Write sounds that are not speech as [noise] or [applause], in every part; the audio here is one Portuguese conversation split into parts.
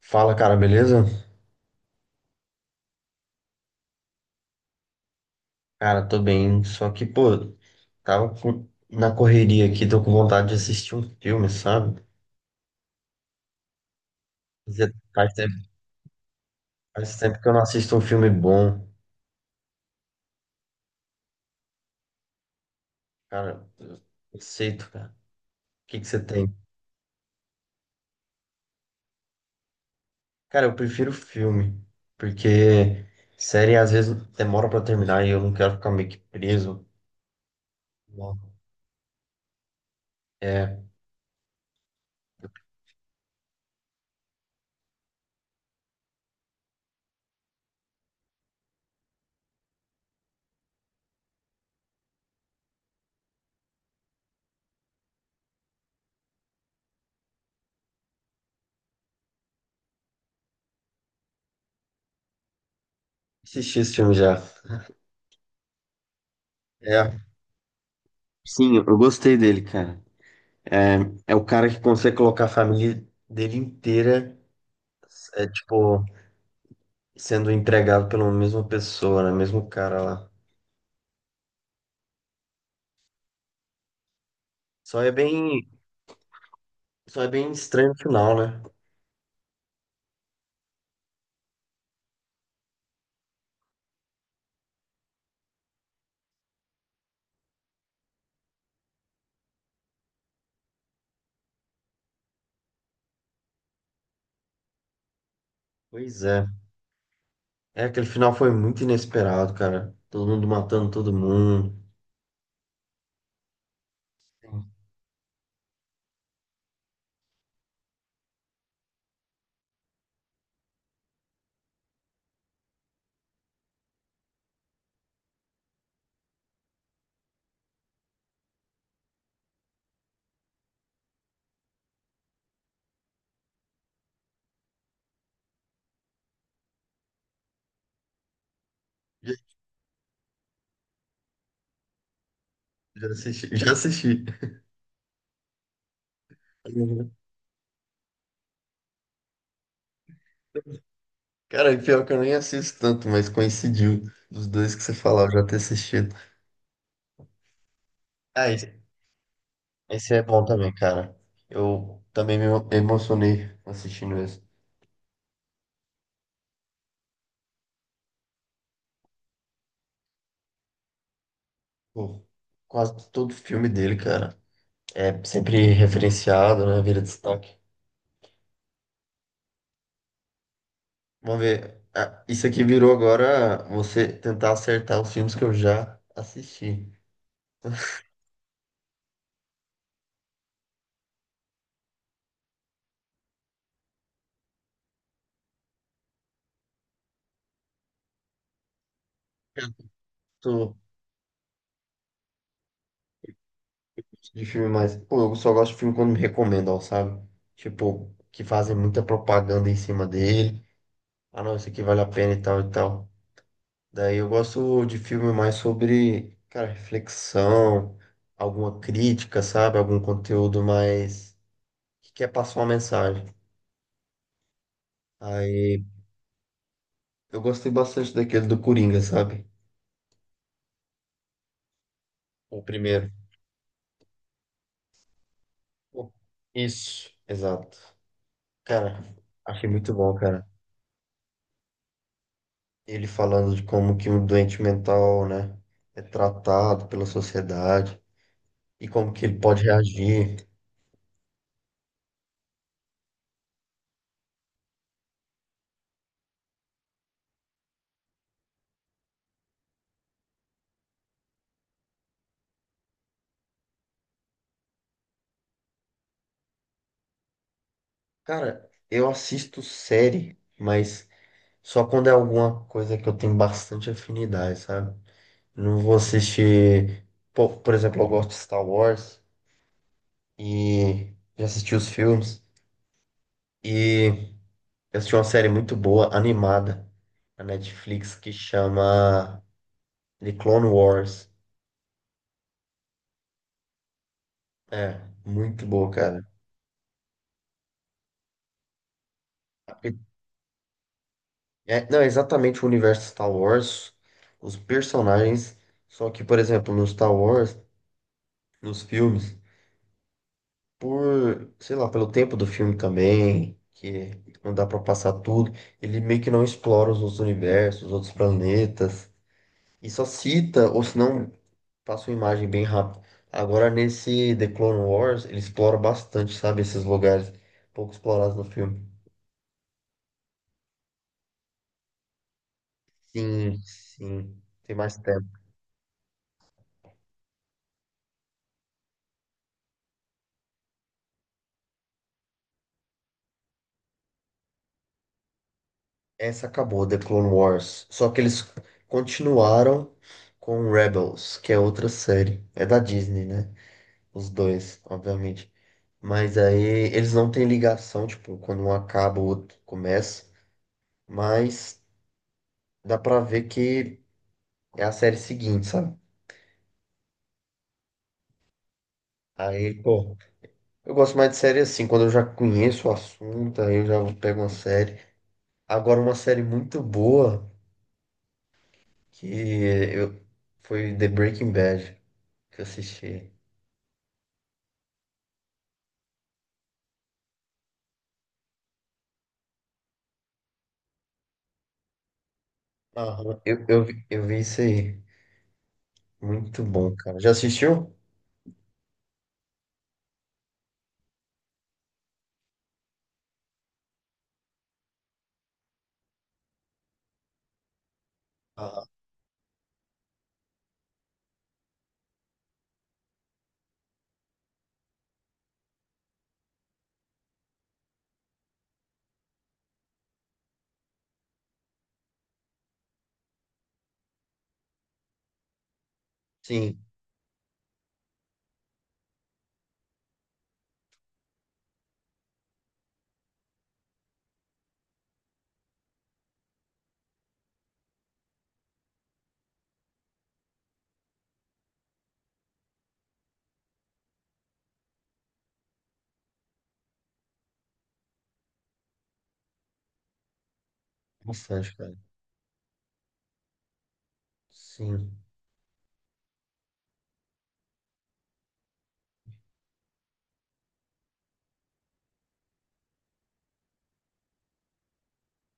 Fala, cara, beleza? Cara, tô bem, só que, pô, na correria aqui, tô com vontade de assistir um filme, sabe? Fazia- Faz tempo, faz tempo que eu não assisto um filme bom. Cara, eu aceito, cara. O que que você tem? Cara, eu prefiro filme, porque série às vezes demora pra terminar e eu não quero ficar meio que preso. Não. É, assisti esse filme já. É, sim, eu gostei dele, cara. É, é o cara que consegue colocar a família dele inteira. É tipo, sendo entregado pela mesma pessoa, né? Mesmo cara lá. Só é bem, só é bem estranho o final, né? Pois é. É, aquele final foi muito inesperado, cara. Todo mundo matando todo mundo. Sim. Já, já assisti, [laughs] já assisti. Uhum. Cara, e pior que eu nem assisto tanto, mas coincidiu dos dois que você falou, eu já ter assistido. Ah, esse é bom também, cara. Eu também me emocionei assistindo esse. Pô, quase todo filme dele, cara. É sempre referenciado, né? Vira destaque. Vamos ver. Ah, isso aqui virou agora você tentar acertar os filmes que eu já assisti. Tanto de filme mais. Pô, eu só gosto de filme quando me recomendam, sabe? Tipo, que fazem muita propaganda em cima dele. Ah, não, isso aqui vale a pena e tal e tal. Daí eu gosto de filme mais sobre, cara, reflexão, alguma crítica, sabe? Algum conteúdo mais que quer passar uma mensagem. Aí. Eu gostei bastante daquele do Coringa, sabe? O primeiro. Isso, exato. Cara, achei muito bom, cara. Ele falando de como que um doente mental, né, é tratado pela sociedade e como que ele pode reagir. Cara, eu assisto série, mas só quando é alguma coisa que eu tenho bastante afinidade, sabe? Não vou assistir, por exemplo, eu gosto de Star Wars e já assisti os filmes. E eu assisti uma série muito boa, animada, na Netflix, que chama The Clone Wars. É, muito boa, cara. É, não, é exatamente o universo Star Wars, os personagens. Só que, por exemplo, no Star Wars, nos filmes, por, sei lá, pelo tempo do filme também, que não dá pra passar tudo, ele meio que não explora os outros universos, os outros planetas. E só cita, ou se não, passa uma imagem bem rápido. Agora, nesse The Clone Wars, ele explora bastante, sabe? Esses lugares pouco explorados no filme. Sim, sim. Tem mais tempo. Essa acabou, The Clone Wars. Só que eles continuaram com Rebels, que é outra série. É da Disney, né? Os dois, obviamente. Mas aí eles não têm ligação, tipo, quando um acaba, o outro começa. Mas dá pra ver que é a série seguinte, sabe? Aí, pô. Eu gosto mais de série assim, quando eu já conheço o assunto, aí eu já pego uma série. Agora, uma série muito boa que eu... foi The Breaking Bad, que eu assisti. Aham. Eu vi isso aí. Muito bom, cara. Já assistiu? Aham. Sim, bastante, cara. Sim.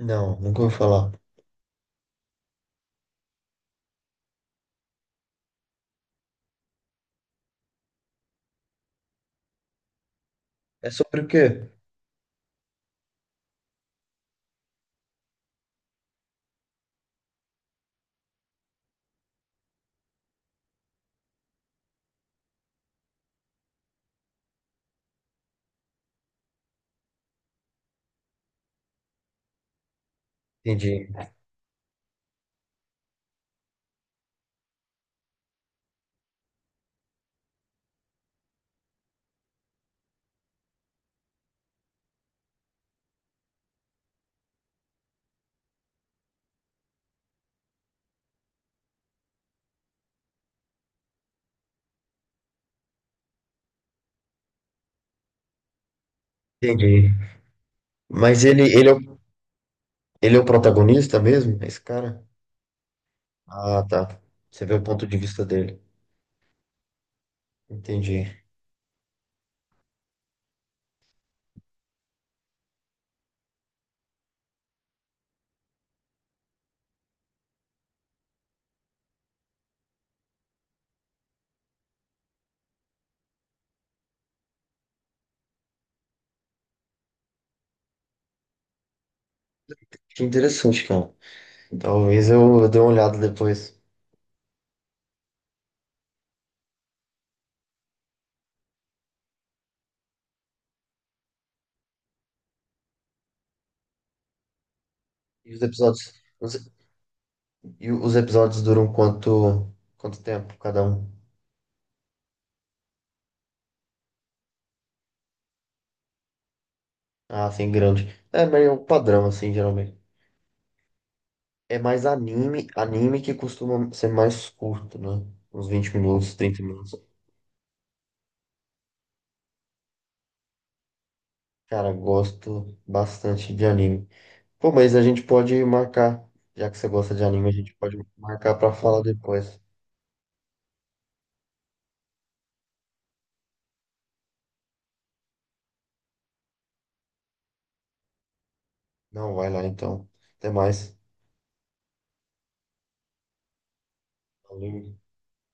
Não, nunca ouvi falar. É sobre o quê? Entendi, entendi. Mas ele é o protagonista mesmo, esse cara? Ah, tá. Você vê o ponto de vista dele. Entendi. Que interessante, cara. Talvez eu dê uma olhada depois. E os episódios, os, e os episódios duram quanto tempo cada um? Ah, assim, grande. É meio um padrão, assim, geralmente. É mais anime, anime que costuma ser mais curto, né? Uns 20 minutos, 30 minutos. Cara, gosto bastante de anime. Pô, mas a gente pode marcar, já que você gosta de anime, a gente pode marcar pra falar depois. Não, vai lá então. Até mais. Valeu.